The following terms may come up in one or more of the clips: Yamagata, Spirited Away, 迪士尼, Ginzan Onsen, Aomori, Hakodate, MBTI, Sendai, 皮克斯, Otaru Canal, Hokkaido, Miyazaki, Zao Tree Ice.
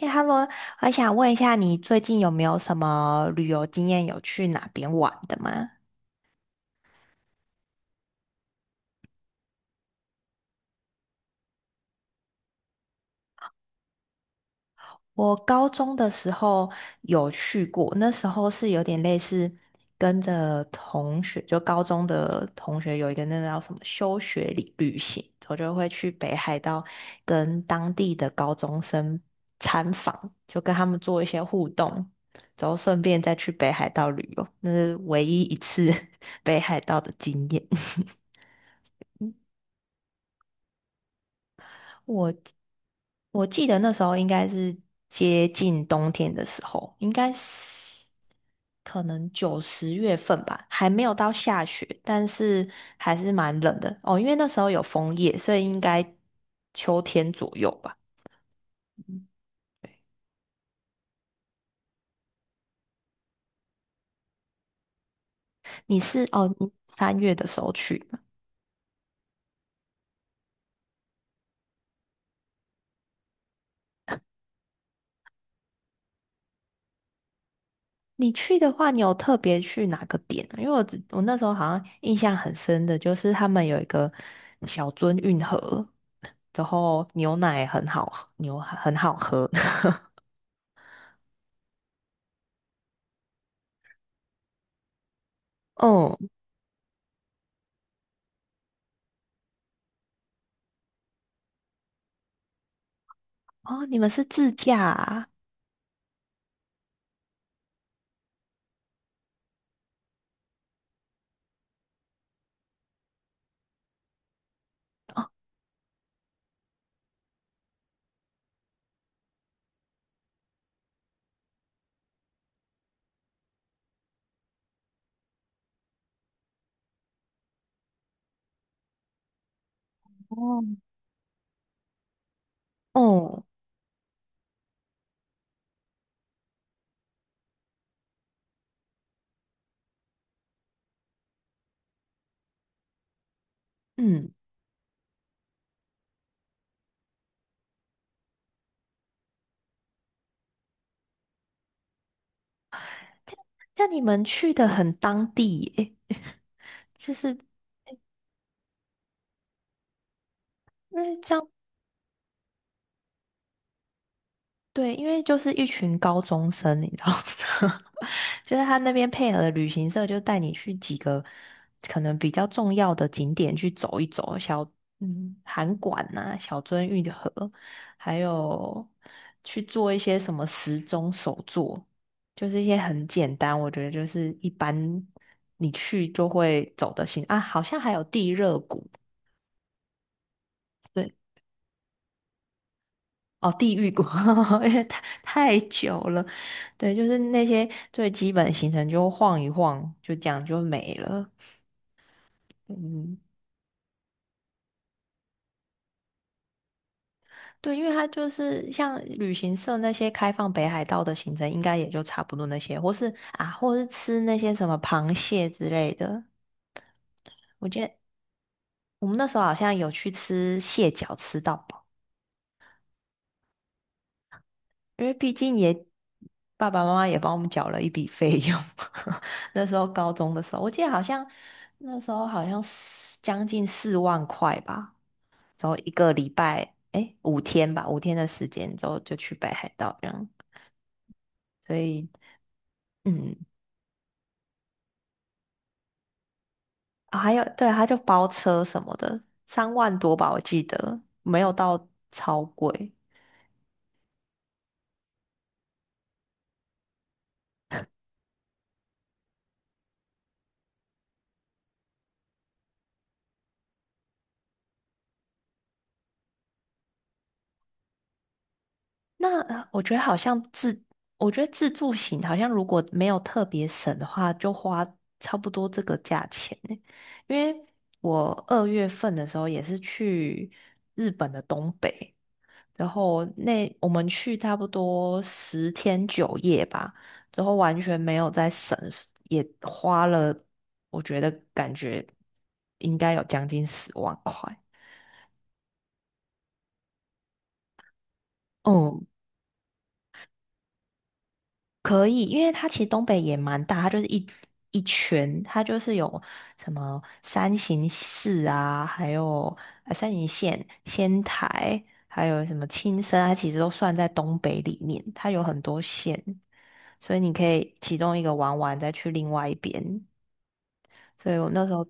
哎 h e l l o 我想问一下，你最近有没有什么旅游经验？有去哪边玩的吗？我高中的时候有去过，那时候是有点类似跟着同学，就高中的同学有一个那个叫什么休学旅行，我就会去北海道跟当地的高中生参访，就跟他们做一些互动，然后顺便再去北海道旅游，那是唯一一次 北海道的经验。我我记得那时候应该是接近冬天的时候，应该是可能九十月份吧，还没有到下雪，但是还是蛮冷的哦。因为那时候有枫叶，所以应该秋天左右吧。你是哦，你三月的时候去，你去的话，你有特别去哪个点啊因为我那时候好像印象很深的，就是他们有一个小樽运河，然后牛奶很好喝牛很好喝。哦哦，你们是自驾啊？哦，哦，嗯，那你们去的很当地耶，就是对，因为就是一群高中生，你知道吗，就是他那边配合的旅行社就带你去几个可能比较重要的景点去走一走，函馆呐、小樽运河，还有去做一些什么时钟手作，就是一些很简单，我觉得就是一般你去就会走的行啊，好像还有地热谷。对。哦，地狱国，因为太久了，对，就是那些最基本的行程就晃一晃，就这样就没了。嗯，对，因为它就是像旅行社那些开放北海道的行程，应该也就差不多那些，或是啊，或是吃那些什么螃蟹之类的。我记得我们那时候好像有去吃蟹脚，因为毕竟也爸爸妈妈也帮我们缴了一笔费用，那时候高中的时候，我记得好像那时候好像是将近四万块吧，然后一个礼拜，诶，五天吧，五天的时间之后就去北海道这样，所以嗯，啊还有对，他就包车什么的，三万多吧，我记得没有到超贵，那我觉得好像自，我觉得自助型好像如果没有特别省的话，就花差不多这个价钱呢。因为我二月份的时候也是去日本的东北，然后那我们去差不多十天九夜吧，之后完全没有在省，也花了，我觉得感觉应该有将近十万块。嗯，可以，因为它其实东北也蛮大，它就是一圈，它就是有什么三形市啊，还有山形县、仙台，还有什么青森，它其实都算在东北里面，它有很多县，所以你可以其中一个玩完再去另外一边。所以我那时候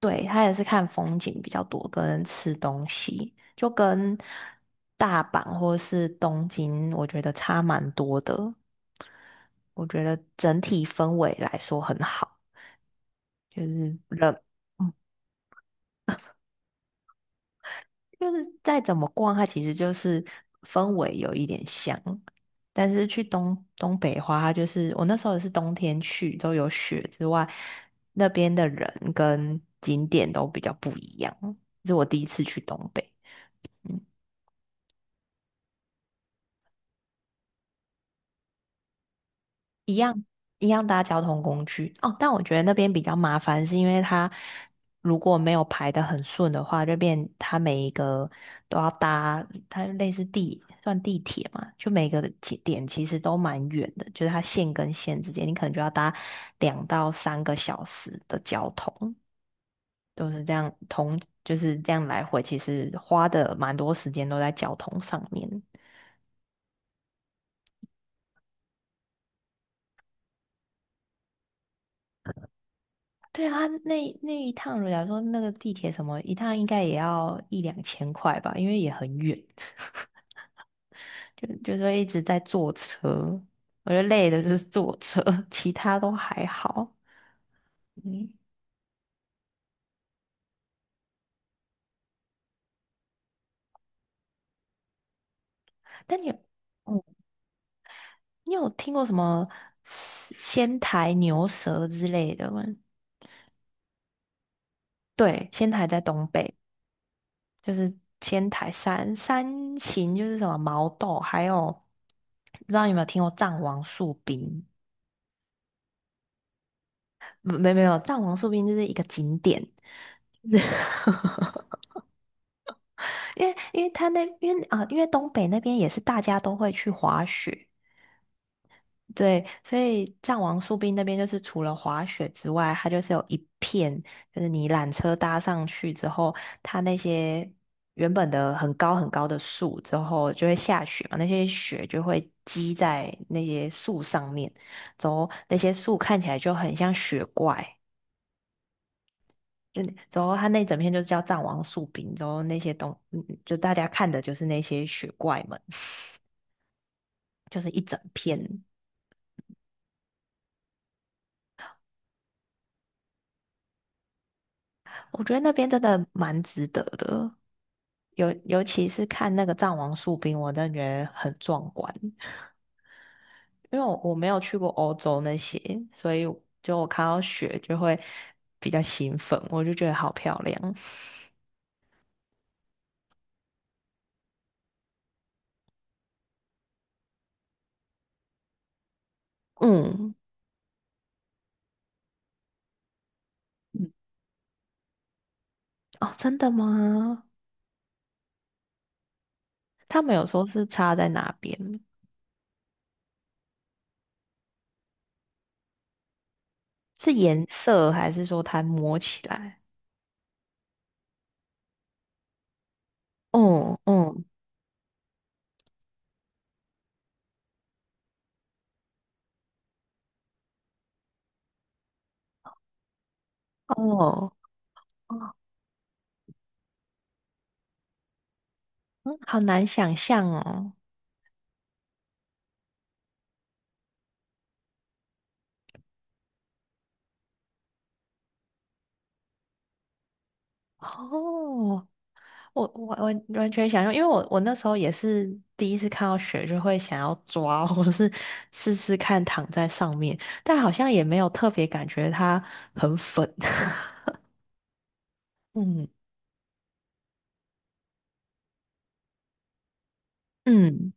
对，他也是看风景比较多，跟吃东西，就跟大阪或是东京，我觉得差蛮多的。我觉得整体氛围来说很好，就是冷，就是再怎么逛，它其实就是氛围有一点像，但是去东北花，它就是我那时候也是冬天去，都有雪之外，那边的人跟景点都比较不一样，这是我第一次去东北。一样搭交通工具哦，但我觉得那边比较麻烦，是因为它如果没有排得很顺的话，就变它每一个都要搭，它类似地算地铁嘛，就每个起点其实都蛮远的，就是它线跟线之间，你可能就要搭两到三个小时的交通，都是这样同就是这样来回，其实花的蛮多时间都在交通上面。对啊，那那一趟，假如说那个地铁什么一趟，应该也要一两千块吧，因为也很远，就就说一直在坐车，我觉得累的就是坐车，其他都还好。嗯，但你有，嗯，你有听过什么仙台牛舌之类的吗？对，仙台在东北，就是仙台山山形，就是什么毛豆，还有不知道你有没有听过藏王树冰，没有，藏王树冰就是一个景点，就是 因为因为啊、因为东北那边也是大家都会去滑雪，对，所以藏王树冰那边就是除了滑雪之外，它就是有一片，就是你缆车搭上去之后，它那些原本的很高很高的树之后就会下雪嘛，那些雪就会积在那些树上面，之后那些树看起来就很像雪怪。就之后，他那整片就是叫《藏王树冰》，之后那些东，嗯就大家看的就是那些雪怪们，就是一整片。我觉得那边真的蛮值得的，尤其是看那个藏王树冰，我真的觉得很壮观。因为我没有去过欧洲那些，所以就我看到雪就会比较兴奋，我就觉得好漂亮。嗯，哦，真的吗？他们有说是差在哪边？是颜色，还是说它摸起来？哦哦哦哦，嗯好难想象哦。哦，我完全想象，因为我那时候也是第一次看到雪，就会想要抓，或者是试试看躺在上面，但好像也没有特别感觉它很粉。嗯嗯，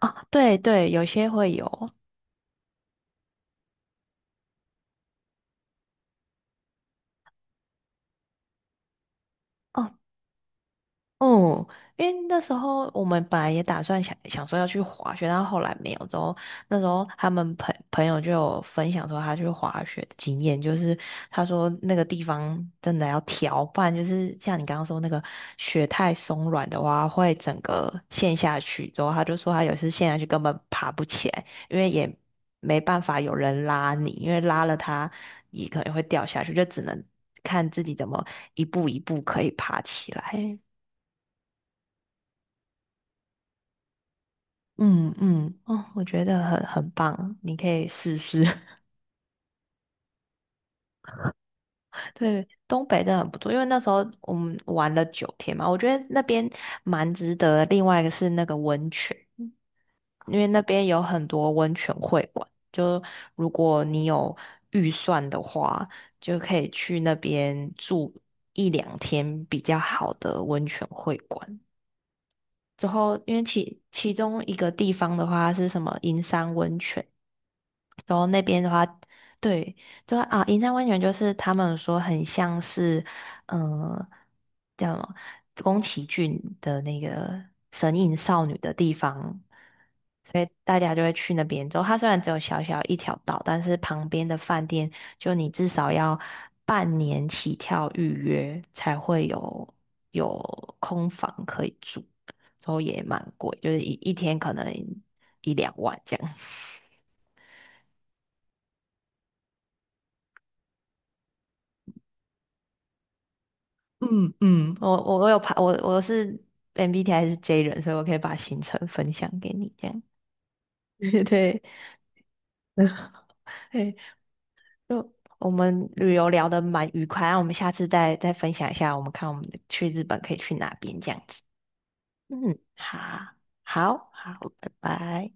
哦，对对，有些会有。哦，哦，因为那时候我们本来也打算想想说要去滑雪，但后来没有。之后那时候他们朋友就有分享说他去滑雪的经验，就是他说那个地方真的要调，不然就是像你刚刚说那个雪太松软的话，会整个陷下去。之后他就说他有一次陷下去根本爬不起来，因为也没办法有人拉你，因为拉了他也可能会掉下去，就只能看自己怎么一步一步可以爬起来。嗯嗯，哦，我觉得很棒，你可以试试。对，东北真的很不错，因为那时候我们玩了九天嘛，我觉得那边蛮值得的另外一个是那个温泉，因为那边有很多温泉会馆，就如果你有预算的话，就可以去那边住一两天比较好的温泉会馆。之后，因为其中一个地方的话是什么银山温泉。然后那边的话，对，就啊，银山温泉就是他们说很像是，嗯、叫什么宫崎骏的那个神隐少女的地方，所以大家就会去那边。之后它虽然只有小小一条道，但是旁边的饭店就你至少要半年起跳预约才会有有空房可以住，之后也蛮贵，就是一天可能一两万这样。我有排我是 MBTI 是 J 人，所以我可以把行程分享给你，这样。对对，对就我们旅游聊得蛮愉快，那我们下次再分享一下，我们看我们去日本可以去哪边这样子。嗯，好，好，好，拜拜。